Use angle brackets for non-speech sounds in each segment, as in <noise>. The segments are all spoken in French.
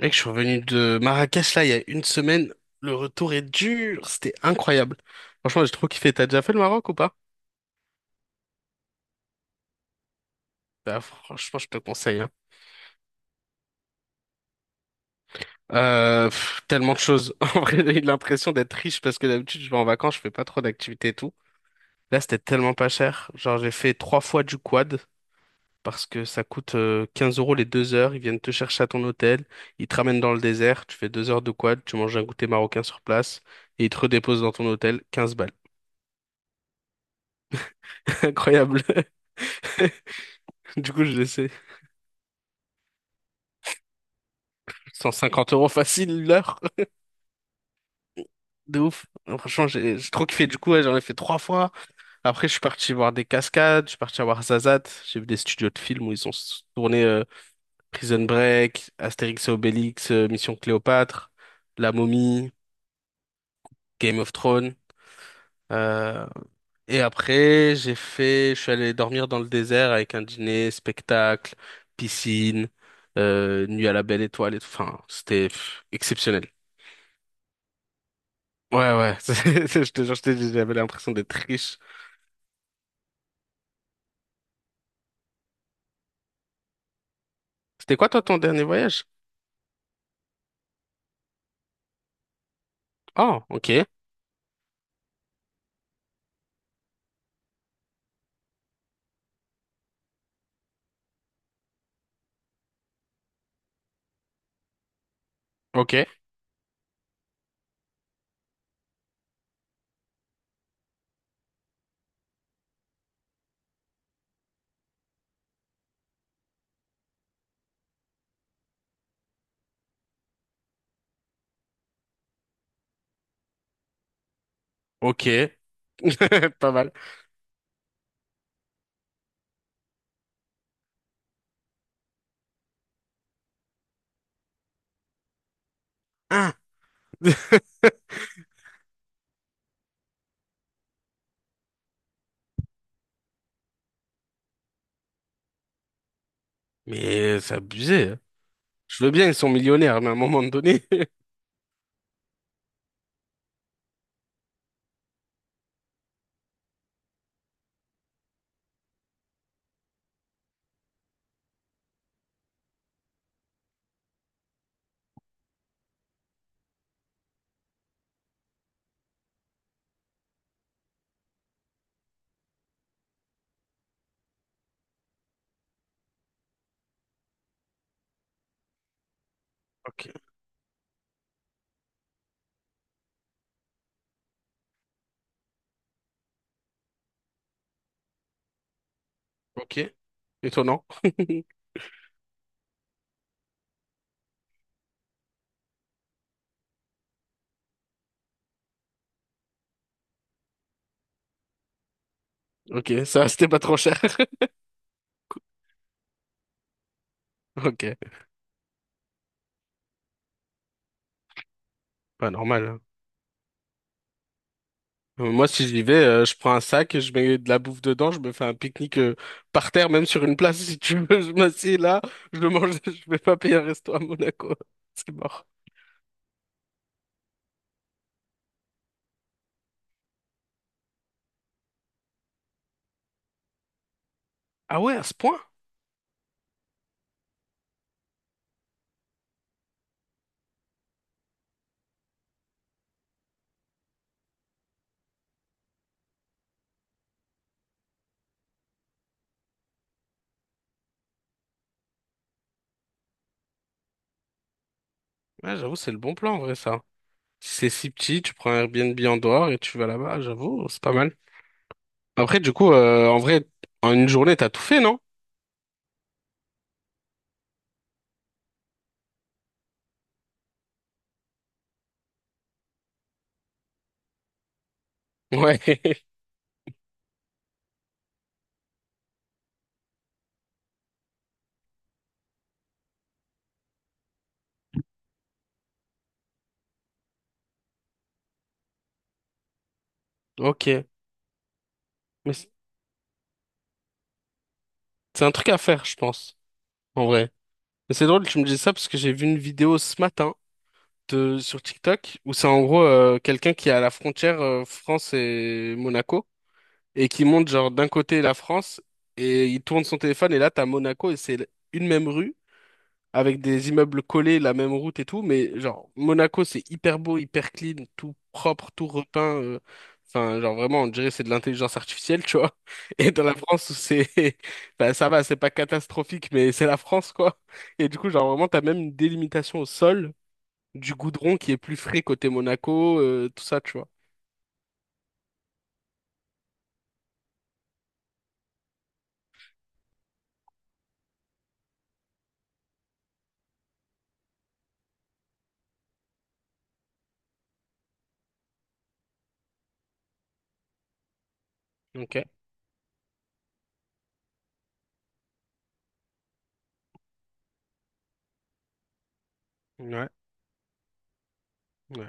Mec, je suis revenu de Marrakech là il y a une semaine. Le retour est dur, c'était incroyable. Franchement, j'ai trop kiffé. T'as déjà fait le Maroc ou pas? Bah, franchement, je te conseille, hein. Pff, tellement de choses. <laughs> En vrai, j'ai eu l'impression d'être riche parce que d'habitude, je vais en vacances, je fais pas trop d'activités et tout. Là, c'était tellement pas cher. Genre, j'ai fait trois fois du quad parce que ça coûte 15 € les 2 heures. Ils viennent te chercher à ton hôtel, ils te ramènent dans le désert, tu fais 2 heures de quad, tu manges un goûter marocain sur place et ils te redéposent dans ton hôtel. Quinze balles. <laughs> Incroyable. <laughs> Du coup, je laissais 150 € facile l'heure. De ouf. Franchement, j'ai trop kiffé. Du coup, ouais, j'en ai fait trois fois. Après, je suis parti voir des cascades, je suis parti voir Zazat. J'ai vu des studios de films où ils ont tourné Prison Break, Astérix et Obélix, Mission Cléopâtre, La Momie, Game of Thrones. Euh, et après, j'ai fait, je suis allé dormir dans le désert avec un dîner, spectacle, piscine, nuit à la belle étoile et tout. Enfin, c'était pff, exceptionnel. Ouais, ouais, <laughs> je te jure, je t'ai dit, j'avais l'impression d'être riche. C'était quoi, toi, ton dernier voyage? Oh, ok, ok, ok. <laughs> Pas mal. Ah, <laughs> mais c'est abusé, hein. Je veux bien, ils sont millionnaires, mais à un moment donné. <laughs> Ok, ok. Étonnant. <laughs> Ok, ça, c'était pas trop cher. <laughs> Ok, pas normal, hein. Moi, si j'y vais, je prends un sac, je mets de la bouffe dedans, je me fais un pique-nique par terre, même sur une place, <laughs> si tu veux. <laughs> Je m'assieds là, je mange, <laughs> je vais pas payer un resto à Monaco. <laughs> C'est mort. Ah ouais, à ce point? Ouais, j'avoue, c'est le bon plan en vrai, ça. Si c'est si petit, tu prends un Airbnb en dehors et tu vas là-bas, j'avoue, c'est pas mal. Après, du coup, en vrai, en une journée, t'as tout fait, non? Ouais, <laughs> ok. Mais c'est un truc à faire, je pense, en vrai. Mais c'est drôle, tu me dis ça parce que j'ai vu une vidéo ce matin de, sur TikTok où c'est en gros quelqu'un qui est à la frontière France et Monaco et qui monte genre d'un côté la France et il tourne son téléphone et là, t'as Monaco et c'est une même rue. Avec des immeubles collés, la même route et tout, mais genre Monaco c'est hyper beau, hyper clean, tout propre, tout repeint. Enfin, genre vraiment, on dirait c'est de l'intelligence artificielle, tu vois. <laughs> Et dans la France où c'est, <laughs> ben, ça va, c'est pas catastrophique, mais c'est la France quoi. Et du coup, genre vraiment, t'as même une délimitation au sol du goudron qui est plus frais côté Monaco, tout ça, tu vois. Ok. Ouais. Ouais.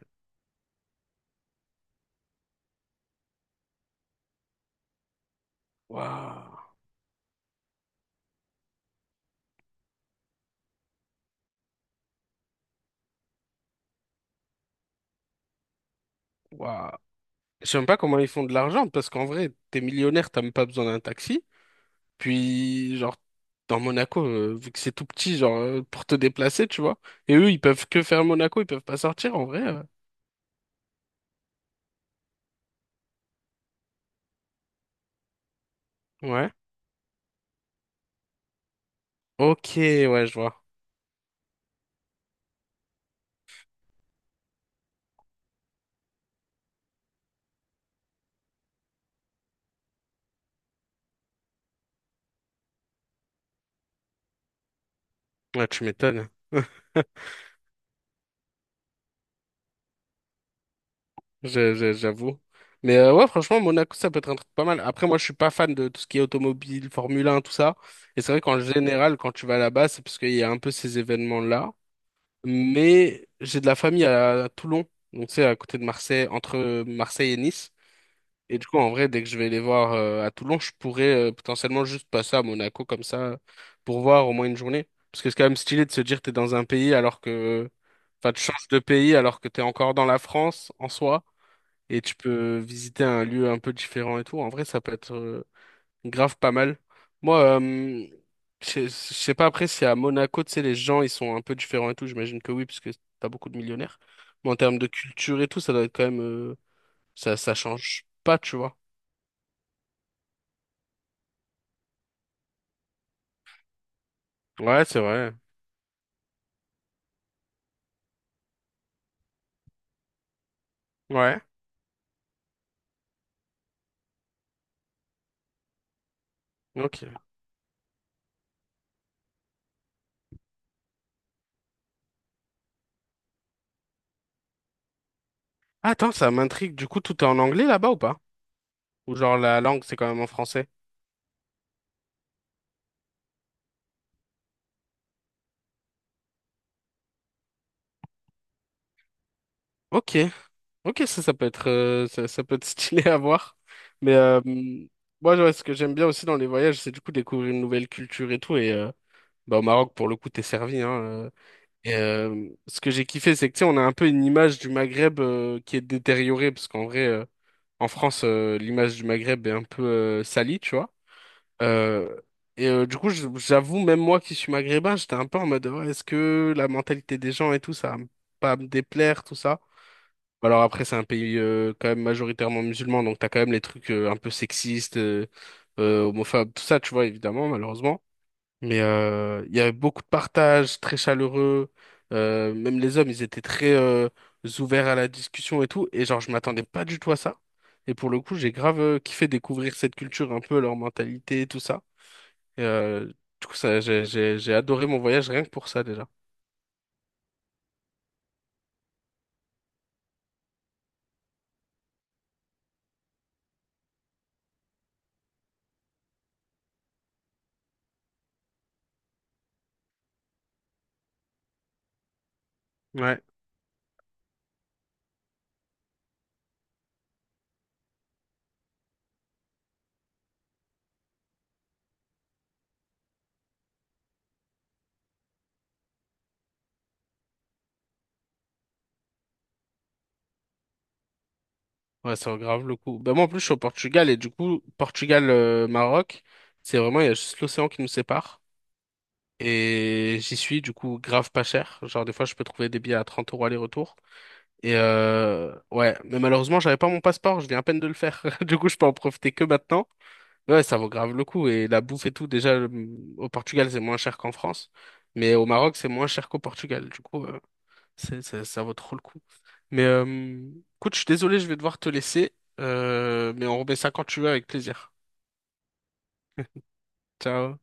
Waouh. Waouh. Je sais même pas comment ils font de l'argent parce qu'en vrai, t'es millionnaire, t'as même pas besoin d'un taxi. Puis, genre, dans Monaco, vu que c'est tout petit, genre, pour te déplacer, tu vois. Et eux, ils peuvent que faire Monaco, ils peuvent pas sortir, en vrai. Ouais. Ok, ouais, je vois. Ouais, tu m'étonnes. <laughs> J'avoue. Mais ouais, franchement, Monaco, ça peut être un truc pas mal. Après, moi, je suis pas fan de tout ce qui est automobile, Formule 1, tout ça. Et c'est vrai qu'en général, quand tu vas là-bas, c'est parce qu'il y a un peu ces événements-là. Mais j'ai de la famille à Toulon, donc c'est à côté de Marseille, entre Marseille et Nice. Et du coup, en vrai, dès que je vais les voir à Toulon, je pourrais potentiellement juste passer à Monaco comme ça pour voir au moins une journée. Parce que c'est quand même stylé de se dire t'es dans un pays alors que... Enfin, tu changes de pays alors que t'es encore dans la France en soi et tu peux visiter un lieu un peu différent et tout. En vrai, ça peut être grave pas mal. Moi, je sais pas après si à Monaco, tu sais, les gens, ils sont un peu différents et tout. J'imagine que oui, parce que t'as beaucoup de millionnaires. Mais en termes de culture et tout, ça doit être quand même... ça, ça change pas, tu vois. Ouais, c'est vrai. Ouais, ok. Ah, attends, ça m'intrigue. Du coup, tout est en anglais là-bas ou pas? Ou genre la langue, c'est quand même en français? Ok, ok, ça peut être, ça, ça peut être <laughs> stylé à voir. Mais moi, genre, ce que j'aime bien aussi dans les voyages, c'est du coup découvrir une nouvelle culture et tout. Et bah, au Maroc, pour le coup, t'es servi, hein. Et ce que j'ai kiffé, c'est que tu sais, on a un peu une image du Maghreb qui est détériorée, parce qu'en vrai, en France, l'image du Maghreb est un peu salie, tu vois. Euh, et du coup, j'avoue, même moi qui suis maghrébin, j'étais un peu en mode, ouais, est-ce que la mentalité des gens et tout, ça va pas me déplaire, tout ça? Bah, alors après, c'est un pays quand même majoritairement musulman, donc t'as quand même les trucs un peu sexistes, homophobes, tout ça, tu vois, évidemment, malheureusement. Mais il y avait beaucoup de partage, très chaleureux. Même les hommes, ils étaient très ouverts à la discussion et tout. Et genre, je m'attendais pas du tout à ça. Et pour le coup, j'ai grave kiffé découvrir cette culture, un peu leur mentalité, et tout ça. Et, du coup, ça, j'ai adoré mon voyage rien que pour ça déjà. Ouais. Ouais, ça vaut grave le coup. Ben moi, en plus, je suis au Portugal et du coup, Portugal-Maroc, c'est vraiment, il y a juste l'océan qui nous sépare. Et j'y suis, du coup, grave pas cher. Genre, des fois, je peux trouver des billets à 30 € aller-retour. Et ouais, mais malheureusement, j'avais pas mon passeport, je viens à peine de le faire. <laughs> Du coup, je peux en profiter que maintenant. Ouais, ça vaut grave le coup. Et la bouffe et tout, déjà, au Portugal, c'est moins cher qu'en France. Mais au Maroc, c'est moins cher qu'au Portugal. Du coup, Ça, ça vaut trop le coup. Mais écoute, je suis désolé, je vais devoir te laisser. Mais on remet ça quand tu veux avec plaisir. Ciao.